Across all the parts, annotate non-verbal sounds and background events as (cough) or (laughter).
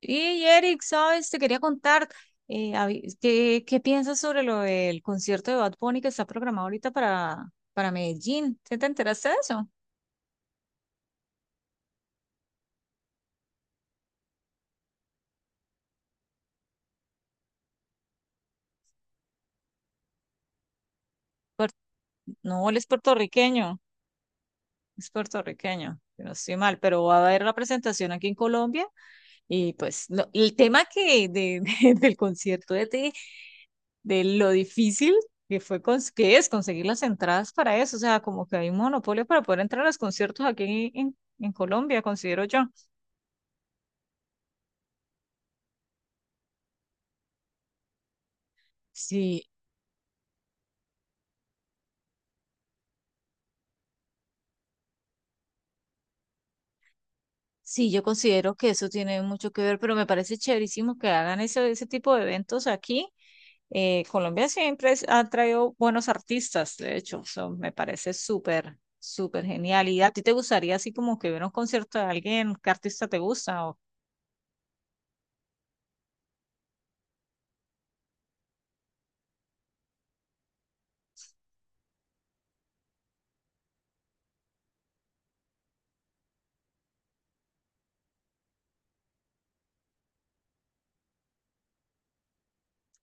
Y Eric, sabes, te quería contar ¿qué piensas sobre lo del concierto de Bad Bunny que está programado ahorita para Medellín? ¿Sí te enteraste de eso? Puer- no, él es puertorriqueño, si no estoy mal, pero va a haber la presentación aquí en Colombia y pues el tema que de, (laughs) del concierto de ti, de lo difícil que que es conseguir las entradas para eso, o sea, como que hay un monopolio para poder entrar a los conciertos aquí en Colombia, considero yo. Sí, sí, yo considero que eso tiene mucho que ver, pero me parece chéverísimo que hagan ese tipo de eventos aquí. Colombia siempre ha traído buenos artistas, de hecho, eso me parece súper, súper genial. ¿Y a ti te gustaría así como que hubiera un concierto de alguien? ¿Qué artista te gusta? O...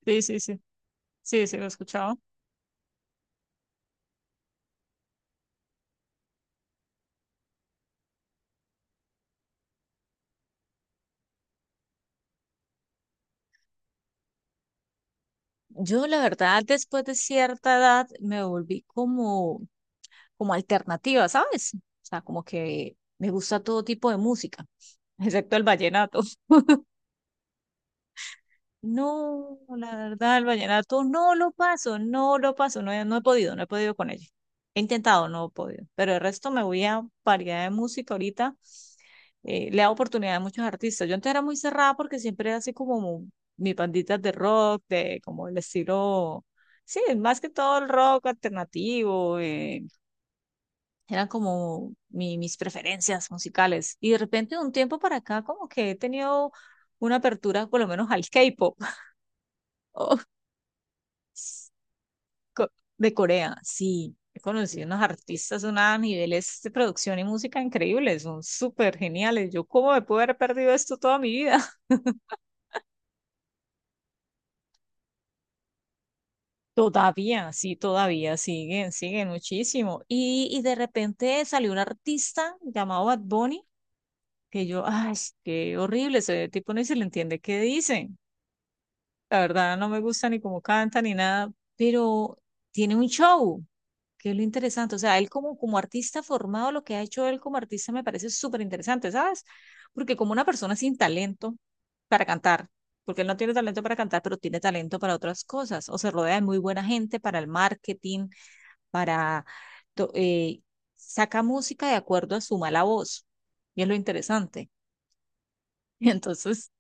sí, sí, sí, sí, sí, lo he escuchado. Yo, la verdad, después de cierta edad me volví como, como alternativa, ¿sabes? O sea, como que me gusta todo tipo de música, (laughs) excepto el vallenato. No, la verdad, el vallenato no lo paso, no lo paso, no he podido, no he podido con ello. He intentado, no he podido, pero el resto me voy a variedad de música ahorita. Le da oportunidad a muchos artistas. Yo antes era muy cerrada porque siempre era así como mis banditas de rock, de como el estilo, sí, más que todo el rock alternativo, eran como mis preferencias musicales. Y de repente de un tiempo para acá como que he tenido una apertura por lo menos al K-pop. (laughs) Co- De Corea, sí. He conocido unos artistas, unos niveles de producción y música increíbles, son súper geniales. Yo, ¿cómo me pude haber perdido esto toda mi vida? (laughs) Todavía, sí, todavía siguen, siguen muchísimo. Y de repente salió un artista llamado Bad Bunny, que yo, ay, qué horrible, ese tipo ni se le entiende qué dice. La verdad, no me gusta ni cómo canta ni nada, pero tiene un show, que es lo interesante. O sea, él como, como artista formado, lo que ha hecho él como artista me parece súper interesante, ¿sabes? Porque como una persona sin talento para cantar, porque él no tiene talento para cantar, pero tiene talento para otras cosas, o se rodea de muy buena gente para el marketing, para... to- eh, saca música de acuerdo a su mala voz, y es lo interesante. Y entonces,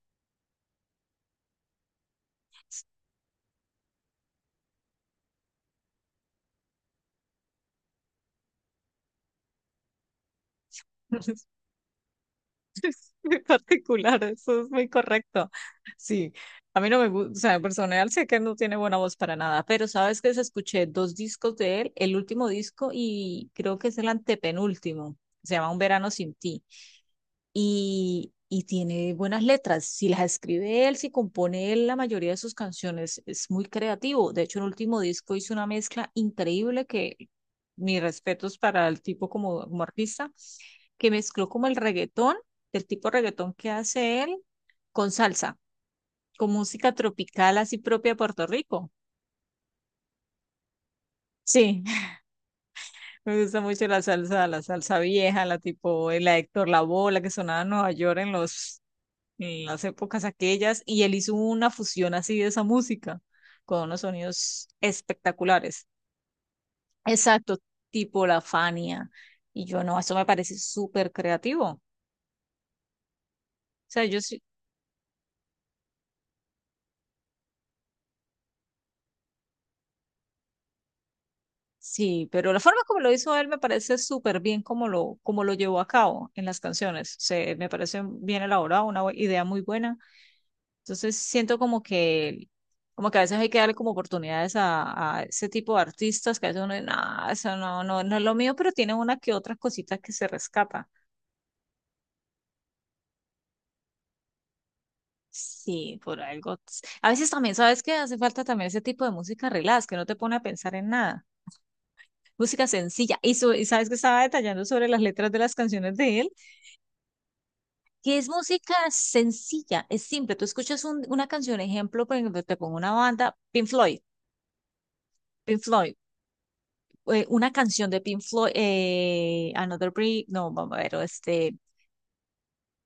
(laughs) (laughs) muy particular, eso es muy correcto. Sí, a mí no me gusta, o sea, en personal sé que no tiene buena voz para nada, pero sabes que escuché dos discos de él, el último disco y creo que es el antepenúltimo, se llama Un verano sin ti, y tiene buenas letras, si las escribe él, si compone él la mayoría de sus canciones, es muy creativo. De hecho, el último disco hizo una mezcla increíble que mis respetos para el tipo como, como artista que mezcló como el reggaetón, del tipo reggaetón que hace él, con salsa, con música tropical así propia de Puerto Rico. Sí, (laughs) me gusta mucho la salsa vieja, la tipo, la de Héctor Lavoe, la que sonaba en Nueva York en los, en las épocas aquellas, y él hizo una fusión así de esa música, con unos sonidos espectaculares. Exacto, tipo la Fania. Y yo no, eso me parece súper creativo. O sea, yo, sí... Sí, pero la forma como lo hizo él me parece súper bien como lo llevó a cabo en las canciones. Se, me parece bien elaborado, una idea muy buena. Entonces siento como que a veces hay que darle como oportunidades a ese tipo de artistas que a veces uno dice, no, eso no, no, no es lo mío, pero tiene una que otra cosita que se rescapa. Sí, por algo. A veces también, ¿sabes que hace falta también ese tipo de música relax, que no te pone a pensar en nada. Música sencilla. Y, y sabes que estaba detallando sobre las letras de las canciones de él, que es música sencilla, es simple. Tú escuchas una canción, ejemplo, por ejemplo, te pongo una banda, Pink Floyd, Pink Floyd, una canción de Pink Floyd, Another Brick, no, vamos a ver, este,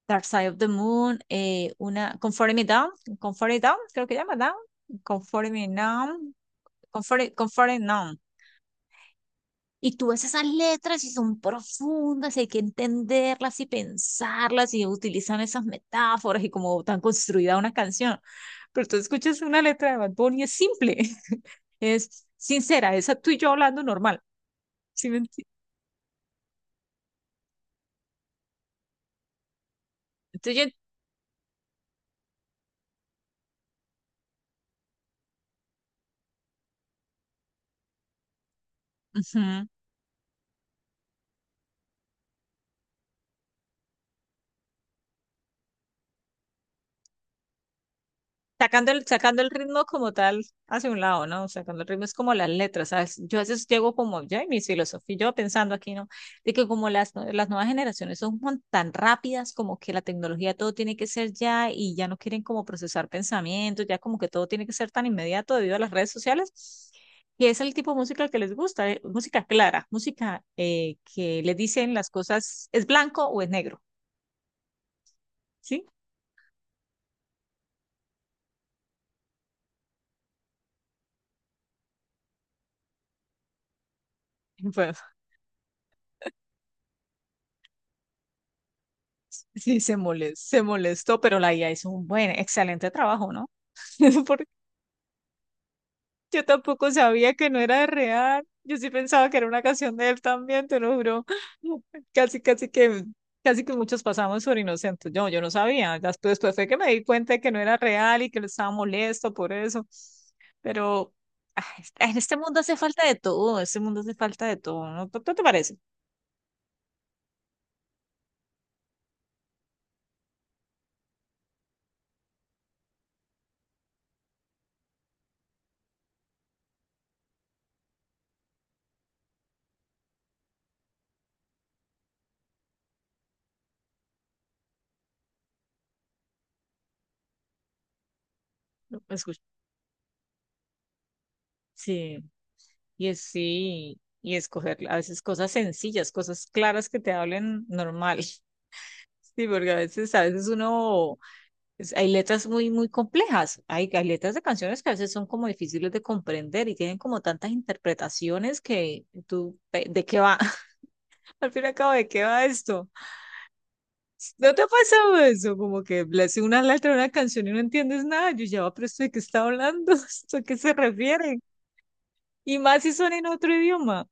Dark Side of the Moon, una, Comfort Me Down, Comfort It Down, creo que llama Down, Comfort Me Down, Comfort, Comfort It Now. Y tú ves esas letras y son profundas, y hay que entenderlas y pensarlas y utilizan esas metáforas y como tan construida una canción. Pero tú escuchas una letra de Bad Bunny y es simple, (laughs) es sincera, esa tú y yo hablando normal. ¿sí me enti- Entonces ujú. Sacando el ritmo como tal hacia un lado, ¿no? Sacando el ritmo es como las letras, ¿sabes? Yo a veces llego como, ya, y mis filosofía, yo pensando aquí, ¿no? De que como las, las nuevas generaciones son tan rápidas, como que la tecnología todo tiene que ser ya y ya no quieren como procesar pensamientos, ya como que todo tiene que ser tan inmediato debido a las redes sociales, que es el tipo de música que les gusta, ¿eh? Música clara, música que les dicen las cosas, es blanco o es negro, ¿sí? (laughs) Sí, se molestó, pero la IA hizo un buen, excelente trabajo, ¿no? (laughs) Porque yo tampoco sabía que no era de real. Yo sí pensaba que era una canción de él también, te lo juro. (laughs) Casi, casi que, casi que muchos pasamos por inocentes. Yo no sabía. Después, después fue que me di cuenta de que no era real y que lo estaba molesto por eso. Pero ah, en este mundo hace falta de todo, en este mundo hace falta de todo, ¿no? ¿No te parece? Escucha. Sí. Sí, y escoger a veces cosas sencillas, cosas claras que te hablen normal. (laughs) Sí, porque a veces uno, hay letras muy, muy complejas. Hay letras de canciones que a veces son como difíciles de comprender y tienen como tantas interpretaciones que tú, ¿de qué va? (laughs) Al fin y al cabo, ¿de qué va esto? ¿No te ha pasado eso? Como que lees una letra de una canción y no entiendes nada. Yo ya, "Ah, pero ¿esto de qué está hablando? (laughs) ¿Esto a qué se refiere? Y más si son en otro idioma.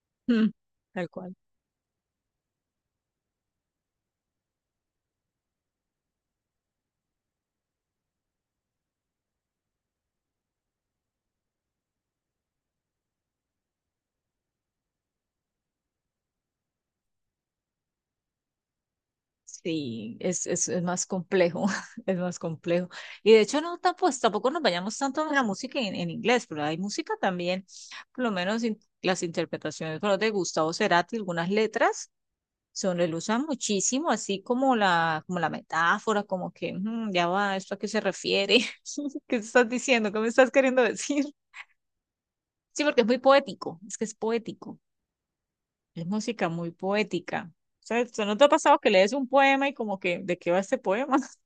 (laughs) Mm, tal cual. Sí, es más complejo, (laughs) es más complejo. Y de hecho, no, tampoco, tampoco nos vayamos tanto en la música en inglés, pero hay música también, por lo menos las interpretaciones por ejemplo, de Gustavo Cerati, algunas letras son, él usa muchísimo, así como la metáfora, como que "Mm, ya va, ¿esto a qué se refiere? (laughs) ¿Qué estás diciendo? ¿Qué me estás queriendo decir? Sí, porque es muy poético, es que es poético, es música muy poética. O sea, ¿no te ha pasado que lees un poema y como que, ¿de qué va este poema? (laughs)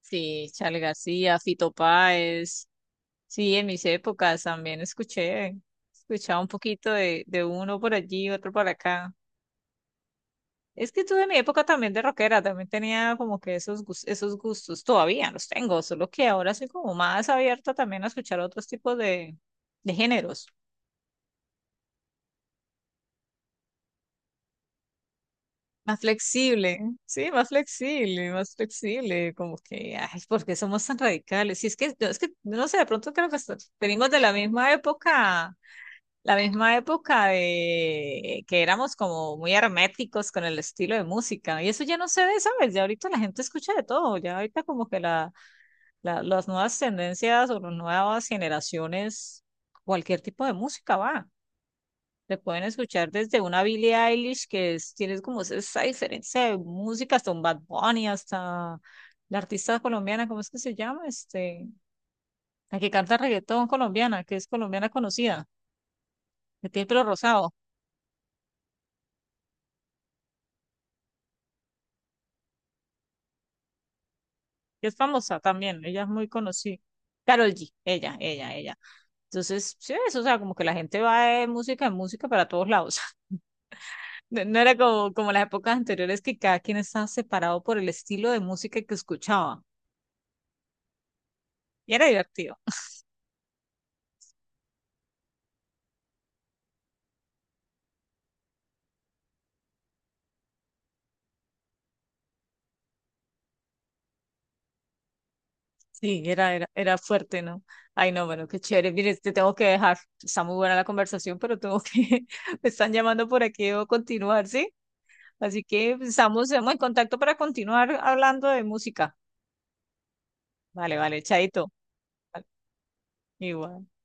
Sí, Charly García, Fito Páez. Sí, en mis épocas también escuché, escuchaba un poquito de uno por allí, otro por acá. Es que tuve mi época también de rockera, también tenía como que esos, esos gustos, todavía los tengo, solo que ahora soy como más abierta también a escuchar otros tipos de géneros. Más flexible, sí, más flexible, como que, ay, ¿por qué somos tan radicales? Si es que, no, es que, no sé, de pronto creo que venimos de la misma época. La misma época de que éramos como muy herméticos con el estilo de música. Y eso ya no se ve, ¿sabes? Ya ahorita la gente escucha de todo. Ya ahorita como que la, las nuevas tendencias o las nuevas generaciones, cualquier tipo de música va. Te pueden escuchar desde una Billie Eilish que tienes como esa diferencia de música hasta un Bad Bunny, hasta la artista colombiana, ¿cómo es que se llama? Este, la que canta reggaetón colombiana, que es colombiana conocida, que tiene el pelo rosado, que es famosa también, ella es muy conocida. Carol G, ella, ella, ella. Entonces, sí, eso, o sea, como que la gente va de música en música para todos lados. (laughs) No, no era como, como las épocas anteriores que cada quien estaba separado por el estilo de música que escuchaba. Y era divertido. Sí, era, era, era fuerte, ¿no? Ay, no, bueno, qué chévere. Mire, te tengo que dejar. Está muy buena la conversación, pero tengo que, (laughs) me están llamando por aquí, debo continuar, ¿sí? Así que pues, estamos, estamos en contacto para continuar hablando de música. Vale, vale, chaito. Vale, igual.